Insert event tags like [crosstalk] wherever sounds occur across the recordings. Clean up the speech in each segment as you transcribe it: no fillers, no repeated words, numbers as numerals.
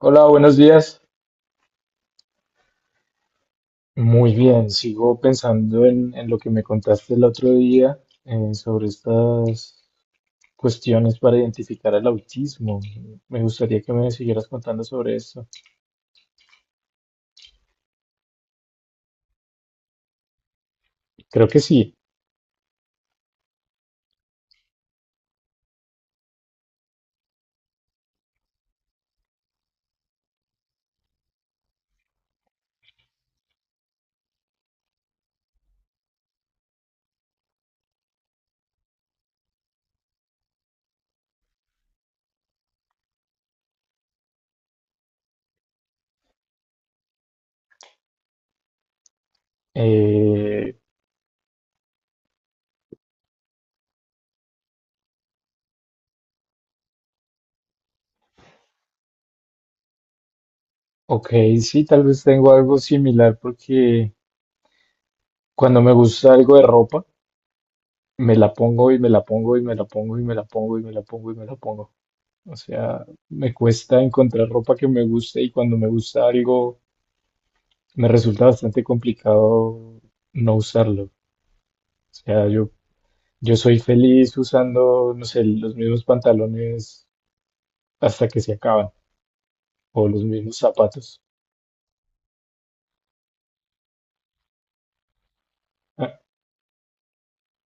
Hola, buenos días. Muy bien, sigo pensando en lo que me contaste el otro día sobre estas cuestiones para identificar el autismo. Me gustaría que me siguieras contando sobre eso. Creo que sí. Eh, ok, sí, tal vez tengo algo similar porque cuando me gusta algo de ropa, me la pongo y me la pongo y me la pongo y me la pongo y me la pongo y me la pongo. O sea, me cuesta encontrar ropa que me guste y cuando me gusta algo me resulta bastante complicado no usarlo. O sea, yo soy feliz usando, no sé, los mismos pantalones hasta que se acaban o los mismos zapatos. A-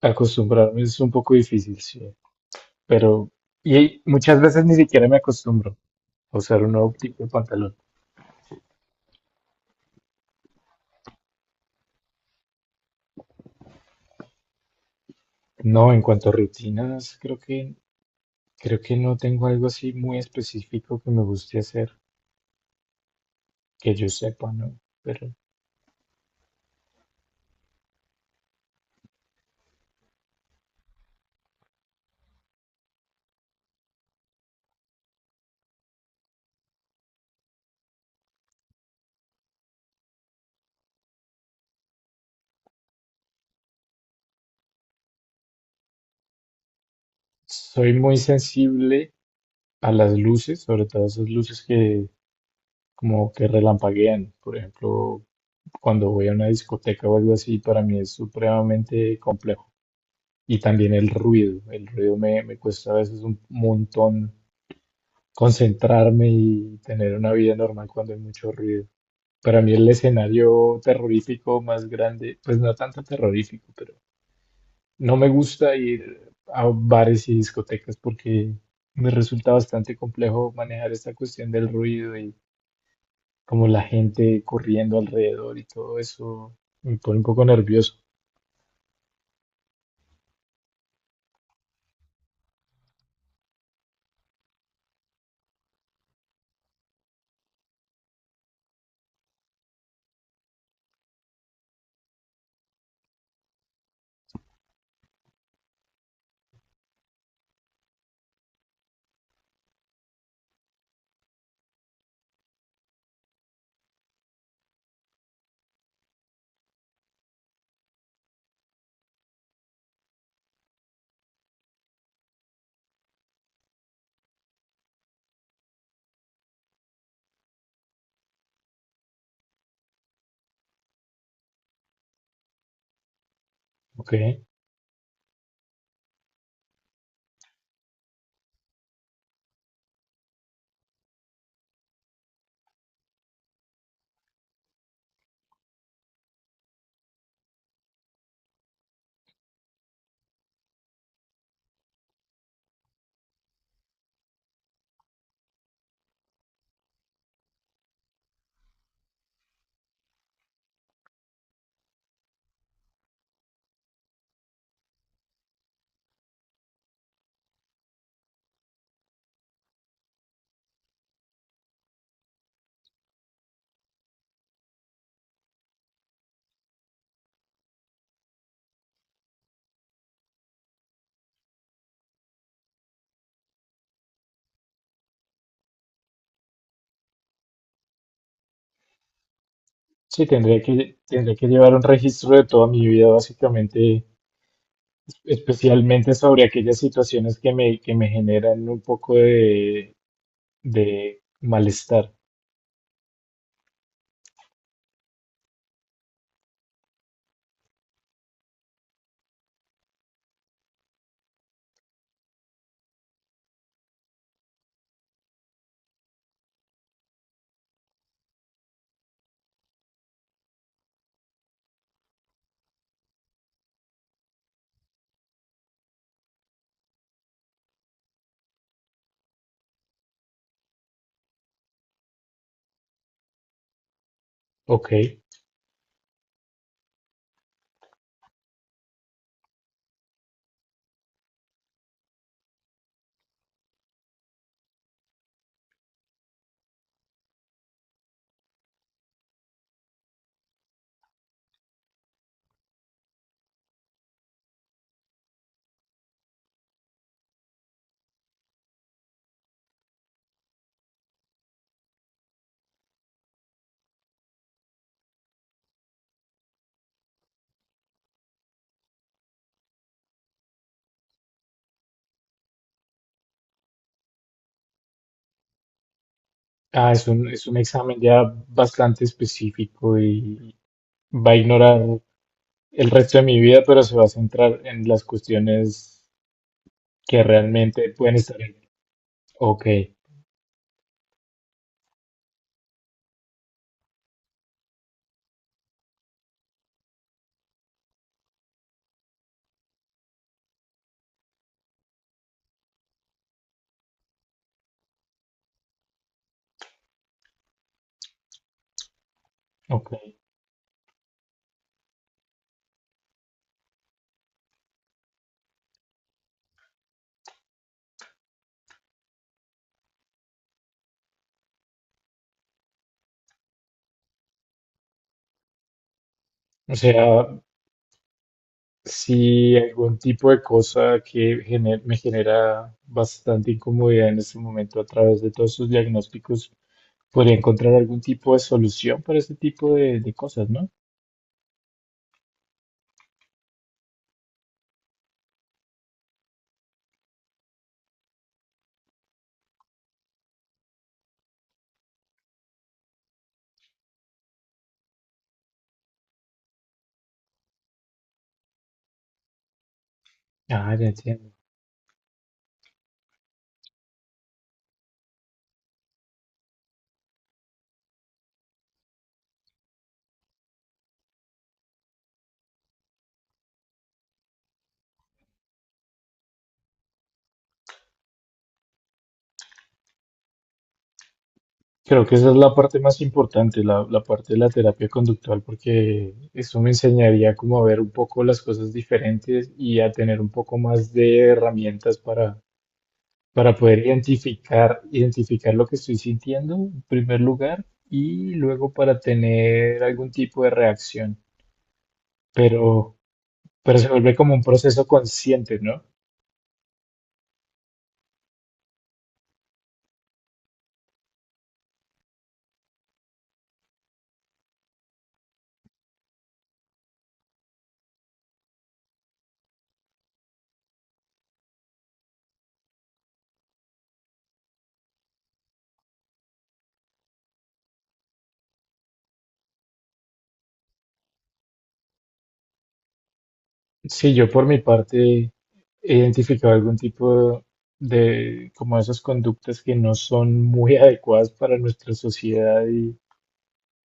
Acostumbrarme es un poco difícil, sí. Pero y muchas veces ni siquiera me acostumbro a usar un nuevo tipo de pantalón. No, en cuanto a rutinas, creo que no tengo algo así muy específico que me guste hacer, que yo sepa, ¿no? Pero soy muy sensible a las luces, sobre todo esas luces que como que relampaguean. Por ejemplo, cuando voy a una discoteca o algo así, para mí es supremamente complejo. Y también el ruido. El me cuesta a veces un montón concentrarme y tener una vida normal cuando hay mucho ruido. Para mí el escenario terrorífico más grande, pues no tanto terrorífico, pero no me gusta ir a bares y discotecas porque me resulta bastante complejo manejar esta cuestión del ruido y como la gente corriendo alrededor y todo eso me pone un poco nervioso. ¿Ok? Sí, tendría que llevar un registro de toda mi vida, básicamente, especialmente sobre aquellas situaciones que me generan un poco de malestar. ¿Ok? Ah, es un examen ya bastante específico y va a ignorar el resto de mi vida, pero se va a centrar en las cuestiones que realmente pueden estar en... Ok, ok. O sea, si algún tipo de cosa que me genera bastante incomodidad en este momento a través de todos sus diagnósticos, podría encontrar algún tipo de solución para ese tipo de cosas, ¿no? Ah, ya entiendo. Creo que esa es la parte más importante, la parte de la terapia conductual, porque eso me enseñaría como a ver un poco las cosas diferentes y a tener un poco más de herramientas para poder identificar, identificar lo que estoy sintiendo en primer lugar y luego para tener algún tipo de reacción. Pero, pero se vuelve como un proceso consciente, ¿no? Sí, yo por mi parte he identificado algún tipo de, como esas conductas que no son muy [laughs] adecuadas para nuestra sociedad y,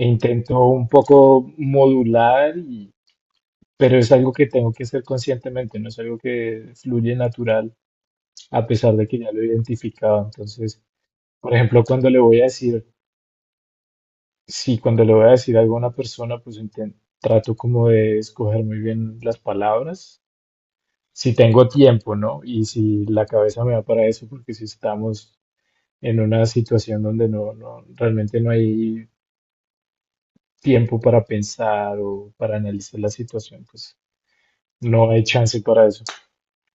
e intento un poco modular, y, pero es algo que tengo que hacer conscientemente, no es algo que fluye natural a pesar de que ya lo he identificado. Entonces, por ejemplo, cuando le voy a decir, sí, cuando le voy a decir algo a una persona, pues trato como de escoger muy bien las palabras, si tengo tiempo, ¿no? Y si la cabeza me va para eso, porque si estamos en una situación donde realmente no hay tiempo para pensar o para analizar la situación, pues no hay chance para eso.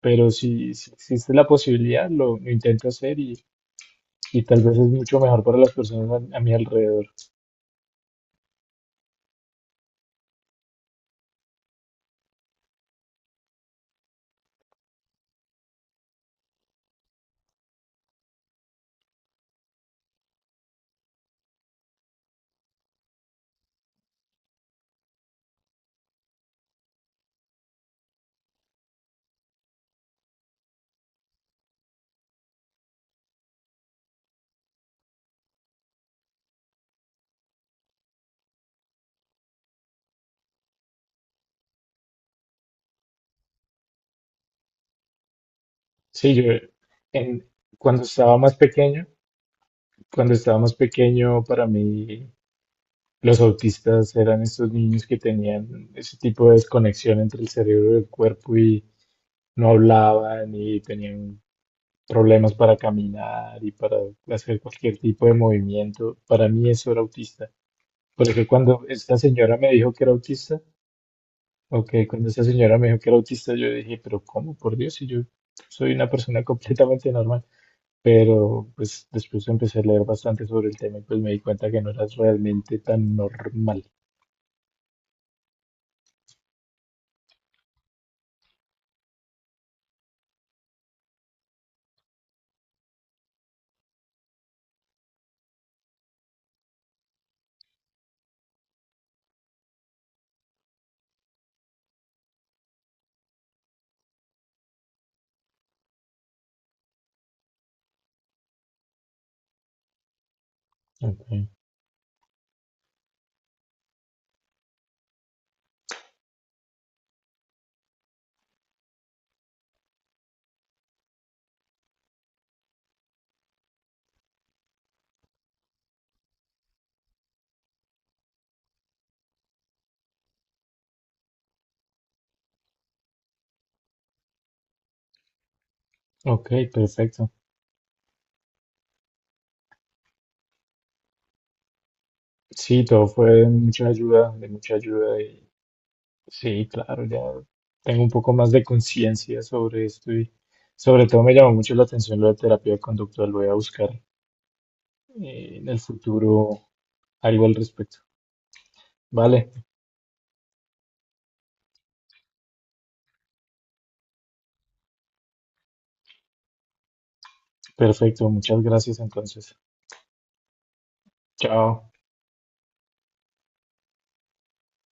Pero si, si existe la posibilidad, lo intento hacer y tal vez es mucho mejor para las personas a mi alrededor. Sí, yo en, cuando estaba más pequeño, cuando estaba más pequeño, para mí los autistas eran estos niños que tenían ese tipo de desconexión entre el cerebro y el cuerpo y no hablaban y tenían problemas para caminar y para hacer cualquier tipo de movimiento. Para mí eso era autista. Porque cuando esta señora me dijo que era autista, o que cuando esta señora me dijo que era autista, yo dije, pero ¿cómo? Por Dios, si yo soy una persona completamente normal. Pero pues después empecé a leer bastante sobre el tema y pues me di cuenta que no era realmente tan normal. Ok, ok, perfecto. Sí, todo fue de mucha ayuda y sí, claro, ya tengo un poco más de conciencia sobre esto y sobre todo me llamó mucho la atención lo de terapia conductual. Voy a buscar en el futuro algo al respecto. Vale, perfecto, muchas gracias entonces. Chao.